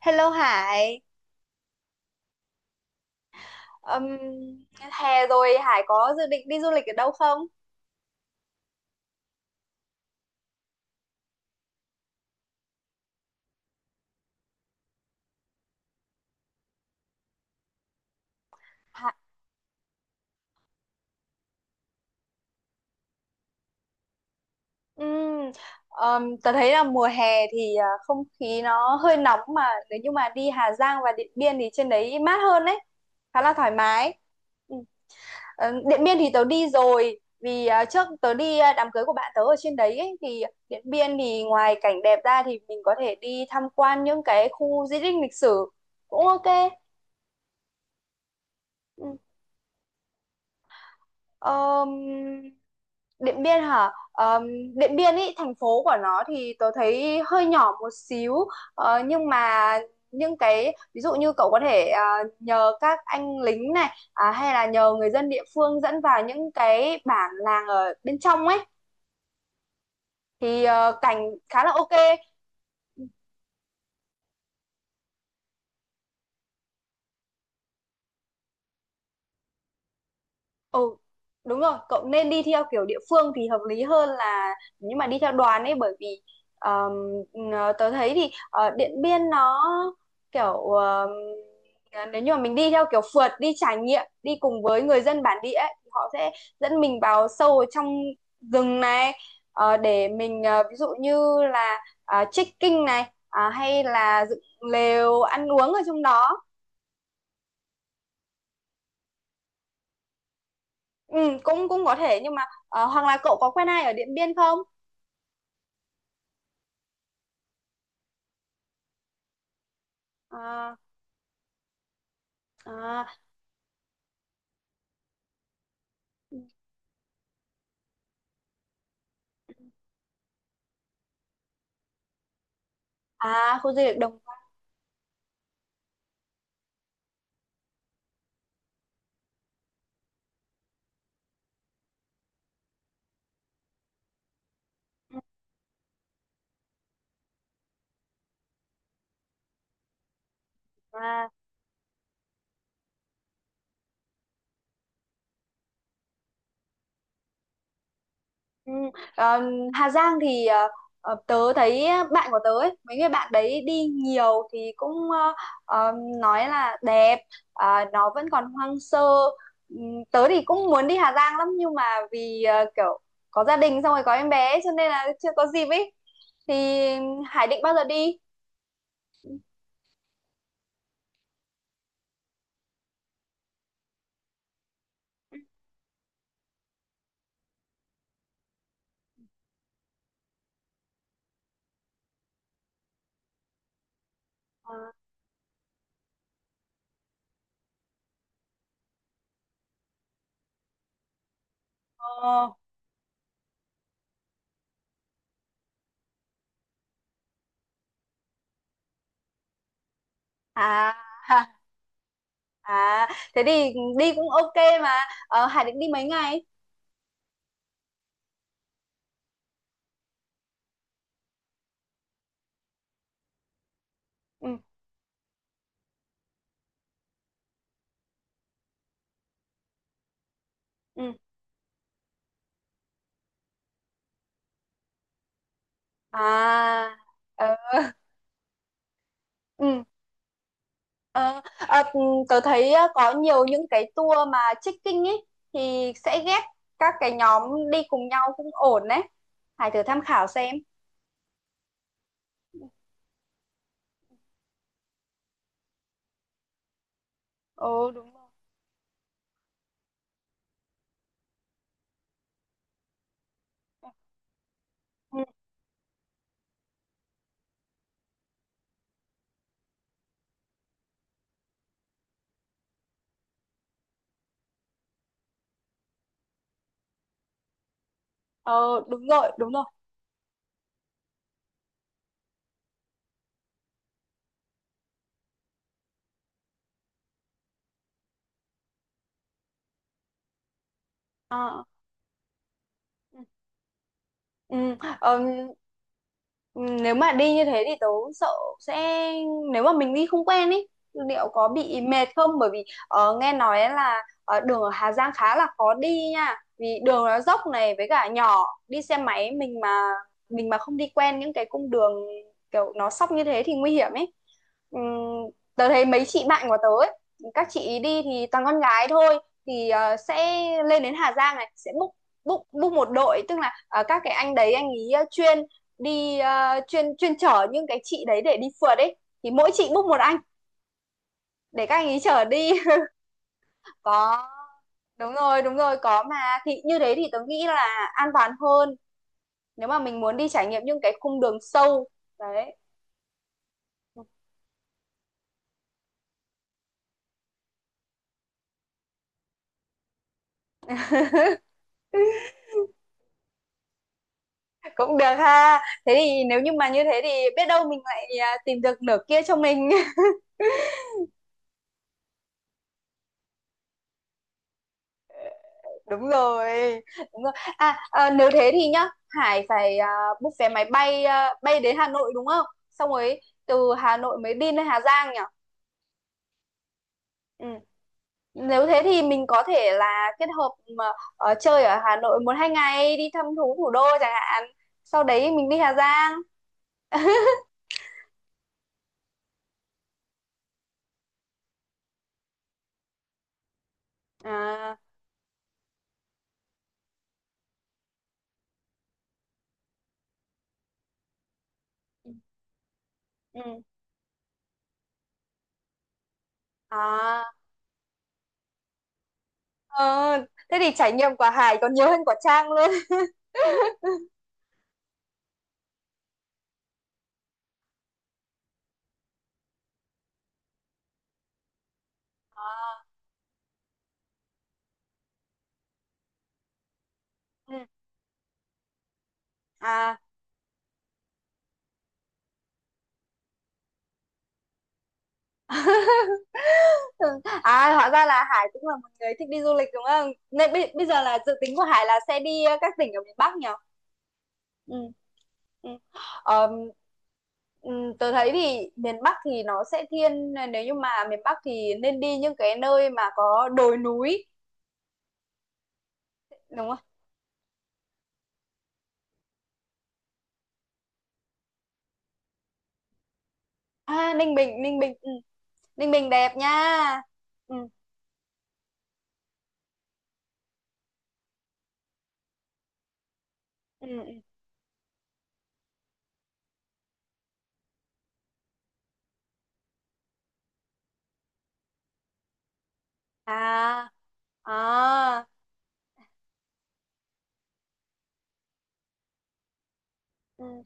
Hello Hải. Ừm, Hè rồi Hải có dự định đi du lịch ở đâu không? Hả? Ừm, Tớ thấy là mùa hè thì không khí nó hơi nóng mà nếu như mà đi Hà Giang và Điện Biên thì trên đấy mát hơn đấy, khá là thoải mái. Ừm, Điện Biên thì tớ đi rồi, vì trước tớ đi đám cưới của bạn tớ ở trên đấy ấy, thì Điện Biên thì ngoài cảnh đẹp ra thì mình có thể đi tham quan những cái khu di tích lịch sử cũng ok. Ờm, Điện Biên hả? Điện Biên ý, thành phố của nó thì tôi thấy hơi nhỏ một xíu. Nhưng mà những cái ví dụ như cậu có thể nhờ các anh lính này hay là nhờ người dân địa phương dẫn vào những cái bản làng ở bên trong ấy thì cảnh khá là ok. Ừ, đúng rồi, cậu nên đi theo kiểu địa phương thì hợp lý hơn là nhưng mà đi theo đoàn ấy, bởi vì ờm, tớ thấy thì Điện Biên nó kiểu nếu như mà mình đi theo kiểu phượt đi trải nghiệm đi cùng với người dân bản địa ấy, thì họ sẽ dẫn mình vào sâu ở trong rừng này, để mình ví dụ như là trekking này hay là dựng lều ăn uống ở trong đó. Ừ, cũng cũng có thể nhưng mà hoặc là cậu có quen ai ở Điện Biên không? À, à, à khu du lịch Đồng Văn. à, ừ. Ờ, Hà Giang thì tớ thấy bạn của tớ ấy, mấy người bạn đấy đi nhiều thì cũng ờ, nói là đẹp. Nó vẫn còn hoang sơ. Tớ thì cũng muốn đi Hà Giang lắm nhưng mà vì kiểu có gia đình xong rồi có em bé ấy, cho nên là chưa có dịp ấy, thì Hải định bao giờ đi? à, ờ, à, à thế thì đi cũng ok mà. Hải định đi mấy ngày? Ừ, ừ, à, ờ, ừ, ờ, ờ, ừ, tớ thấy có nhiều những cái tour mà trekking ấy thì sẽ ghép các cái nhóm đi cùng nhau cũng ổn đấy. Hải thử tham khảo xem. Ừ, đúng rồi. Ừ. ờ, Đúng rồi, đúng rồi. Ờ, ừ. Ừ. ờm, Nếu mà đi như thế thì tớ sợ sẽ, nếu mà mình đi không quen ý liệu có bị mệt không, bởi vì nghe nói là đường ở Hà Giang khá là khó đi nha, vì đường nó dốc này với cả nhỏ, đi xe máy mình mà không đi quen những cái cung đường kiểu nó sóc như thế thì nguy hiểm ấy. Ừm, Tớ thấy mấy chị bạn của tớ ấy, các chị đi thì toàn con gái thôi, thì sẽ lên đến Hà Giang này sẽ book book book một đội, tức là các cái anh đấy anh ý chuyên đi chuyên chuyên chở những cái chị đấy để đi phượt ấy, thì mỗi chị book một anh để các anh ý chở đi. Có. Đúng rồi, đúng rồi, có mà, thì như thế thì tớ nghĩ là an toàn hơn nếu mà mình muốn đi trải nghiệm những cái cung đường sâu đấy. Cũng được ha, thế thì nếu như mà như thế thì biết đâu mình lại tìm được nửa kia cho mình. Đúng rồi, đúng rồi. Nếu thế thì nhá, Hải phải book vé máy bay, bay đến Hà Nội đúng không, xong rồi từ Hà Nội mới đi lên Hà Giang nhỉ? Ừ. Nếu thế thì mình có thể là kết hợp mà chơi ở Hà Nội một hai ngày đi thăm thú thủ đô chẳng hạn, sau đấy mình đi Hà Giang. À. Ừ, ừ. À. ờ, Thế thì trải nghiệm của Hải còn nhiều hơn của Trang luôn. Ừ. À. Ừ. À hóa ra là Hải cũng là một người thích đi du lịch đúng không? Nên bây giờ là dự tính của Hải là sẽ đi các tỉnh ở miền Bắc nhỉ? Ừ. Ừ. Ờm, Tớ thấy thì miền Bắc thì nó sẽ thiên, nếu như mà miền Bắc thì nên đi những cái nơi mà có đồi núi đúng không? À Ninh Bình, Ninh Bình, ừ. Ninh Bình đẹp nha. Ừ. Ừ. Ừ. À. À. Ừ.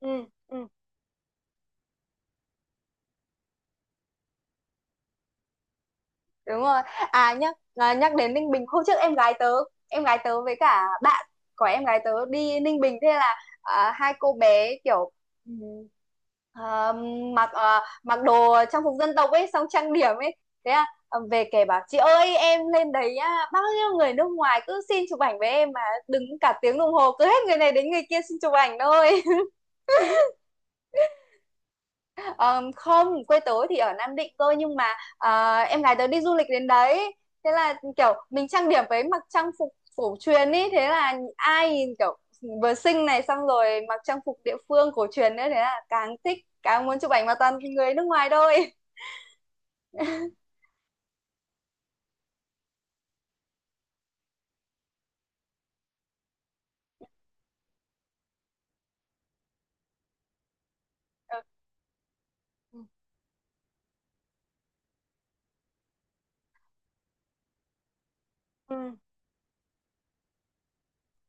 Ừ. Ừ. Đúng rồi. Nhắc nhắc đến Ninh Bình, hôm trước em gái tớ, với cả bạn của em gái tớ đi Ninh Bình, thế là hai cô bé kiểu ừm, à, mặc đồ trang phục dân tộc ấy xong trang điểm ấy, thế là về kể bảo chị ơi em lên đấy á, bao nhiêu người nước ngoài cứ xin chụp ảnh với em mà đứng cả tiếng đồng hồ, cứ hết người này đến người kia xin chụp ảnh thôi. Ờ, Không, quê tớ thì ở Nam Định cơ, nhưng mà em gái tớ đi du lịch đến đấy. Thế là kiểu mình trang điểm với mặc trang phục cổ truyền ý, thế là ai nhìn kiểu vừa xinh này xong rồi mặc trang phục địa phương cổ truyền nữa, thế là càng thích, càng muốn chụp ảnh mà toàn người nước ngoài thôi. Ờ. Ừ.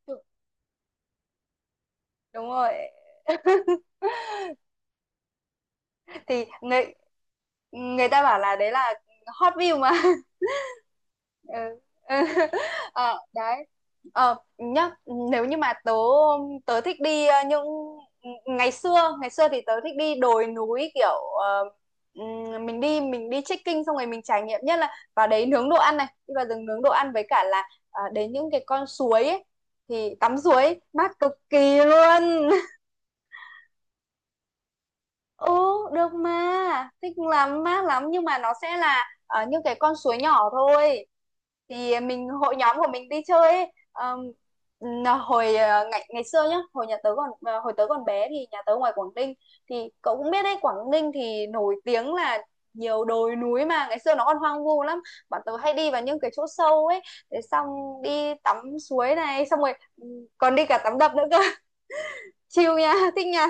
Ừ, đúng rồi. Thì người người ta bảo là đấy là hot view mà. Ừ. ờ Đấy, nhá, nếu như mà tớ tớ thích đi những ngày xưa, ngày xưa thì tớ thích đi đồi núi kiểu mình đi trekking xong rồi mình trải nghiệm, nhất là vào đấy nướng đồ ăn này, đi vào rừng nướng đồ ăn với cả là đến những cái con suối ấy thì tắm suối mát cực kỳ luôn. Ừ, được mà, thích lắm, mát lắm, nhưng mà nó sẽ là những cái con suối nhỏ thôi. Thì mình hội nhóm của mình đi chơi ấy. Là hồi ngày ngày xưa nhá, hồi nhà tớ còn hồi tớ còn bé thì nhà tớ ngoài Quảng Ninh, thì cậu cũng biết đấy, Quảng Ninh thì nổi tiếng là nhiều đồi núi mà ngày xưa nó còn hoang vu lắm. Bọn tớ hay đi vào những cái chỗ sâu ấy, để xong đi tắm suối này, xong rồi còn đi cả tắm đập nữa cơ. Chill nha, thích nha.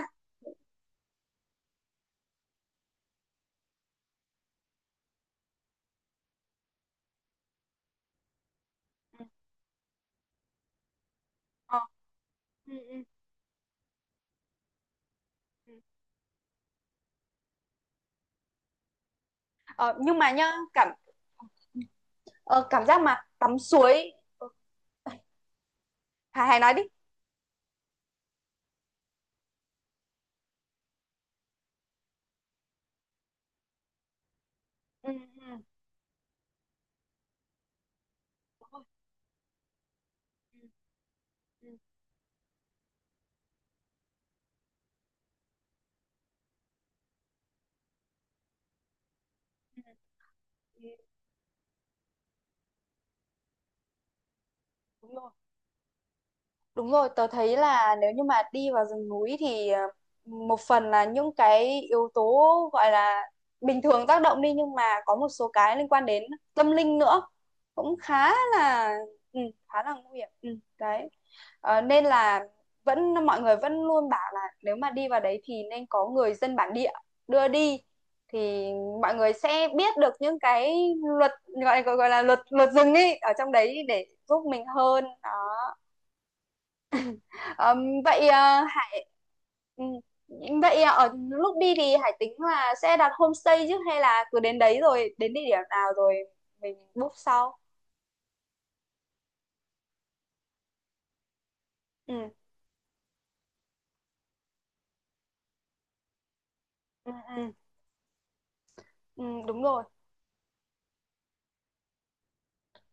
Ừ. Ờ, ừ, ừ. Ừ. Ờ, nhưng mà nhá, cảm giác mà tắm suối. Ờ, Hải Hải nói đi. Ừ, ừ, đúng rồi. Ừ, ừ, ừ, ừ, đúng rồi. Đúng rồi, tớ thấy là nếu như mà đi vào rừng núi thì một phần là những cái yếu tố gọi là bình thường tác động đi, nhưng mà có một số cái liên quan đến tâm linh nữa cũng khá là, ừ, khá là nguy hiểm. Ừ, Đấy. Nên là mọi người vẫn luôn bảo là nếu mà đi vào đấy thì nên có người dân bản địa đưa đi, thì mọi người sẽ biết được những cái luật gọi gọi gọi là luật luật rừng ấy ở trong đấy để giúp mình hơn. Đó. Ờ, Vậy Hải, ừ, vậy ở lúc đi thì Hải tính là sẽ đặt homestay chứ, hay là cứ đến đấy rồi đến địa điểm nào rồi mình book sau? Ừ, ừ, ừ, ừ, đúng rồi,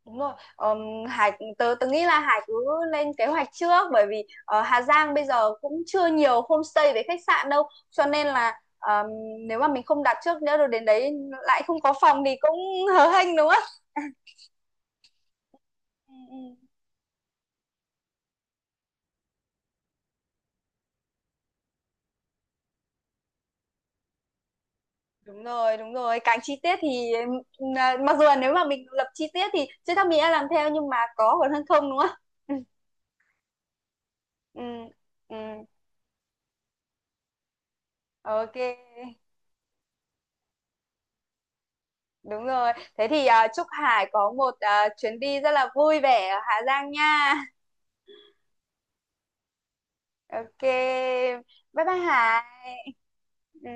đúng rồi. Hải tớ tớ nghĩ là Hải cứ lên kế hoạch trước, bởi vì ở Hà Giang bây giờ cũng chưa nhiều homestay với khách sạn đâu, cho nên là nếu mà mình không đặt trước nữa rồi đến đấy lại không có phòng thì cũng hớ hênh đúng không? Ừ, ừ. Đúng rồi, đúng rồi. Càng chi tiết thì mặc dù là nếu mà mình lập chi tiết thì chưa chắc mình đã làm theo, nhưng mà có còn hơn không đúng không? Ừ, ừ, ok. Đúng rồi. Thế thì chúc Hải có một chuyến đi rất là vui vẻ ở Hà Giang nha. Ok. Bye bye Hải. Ừ.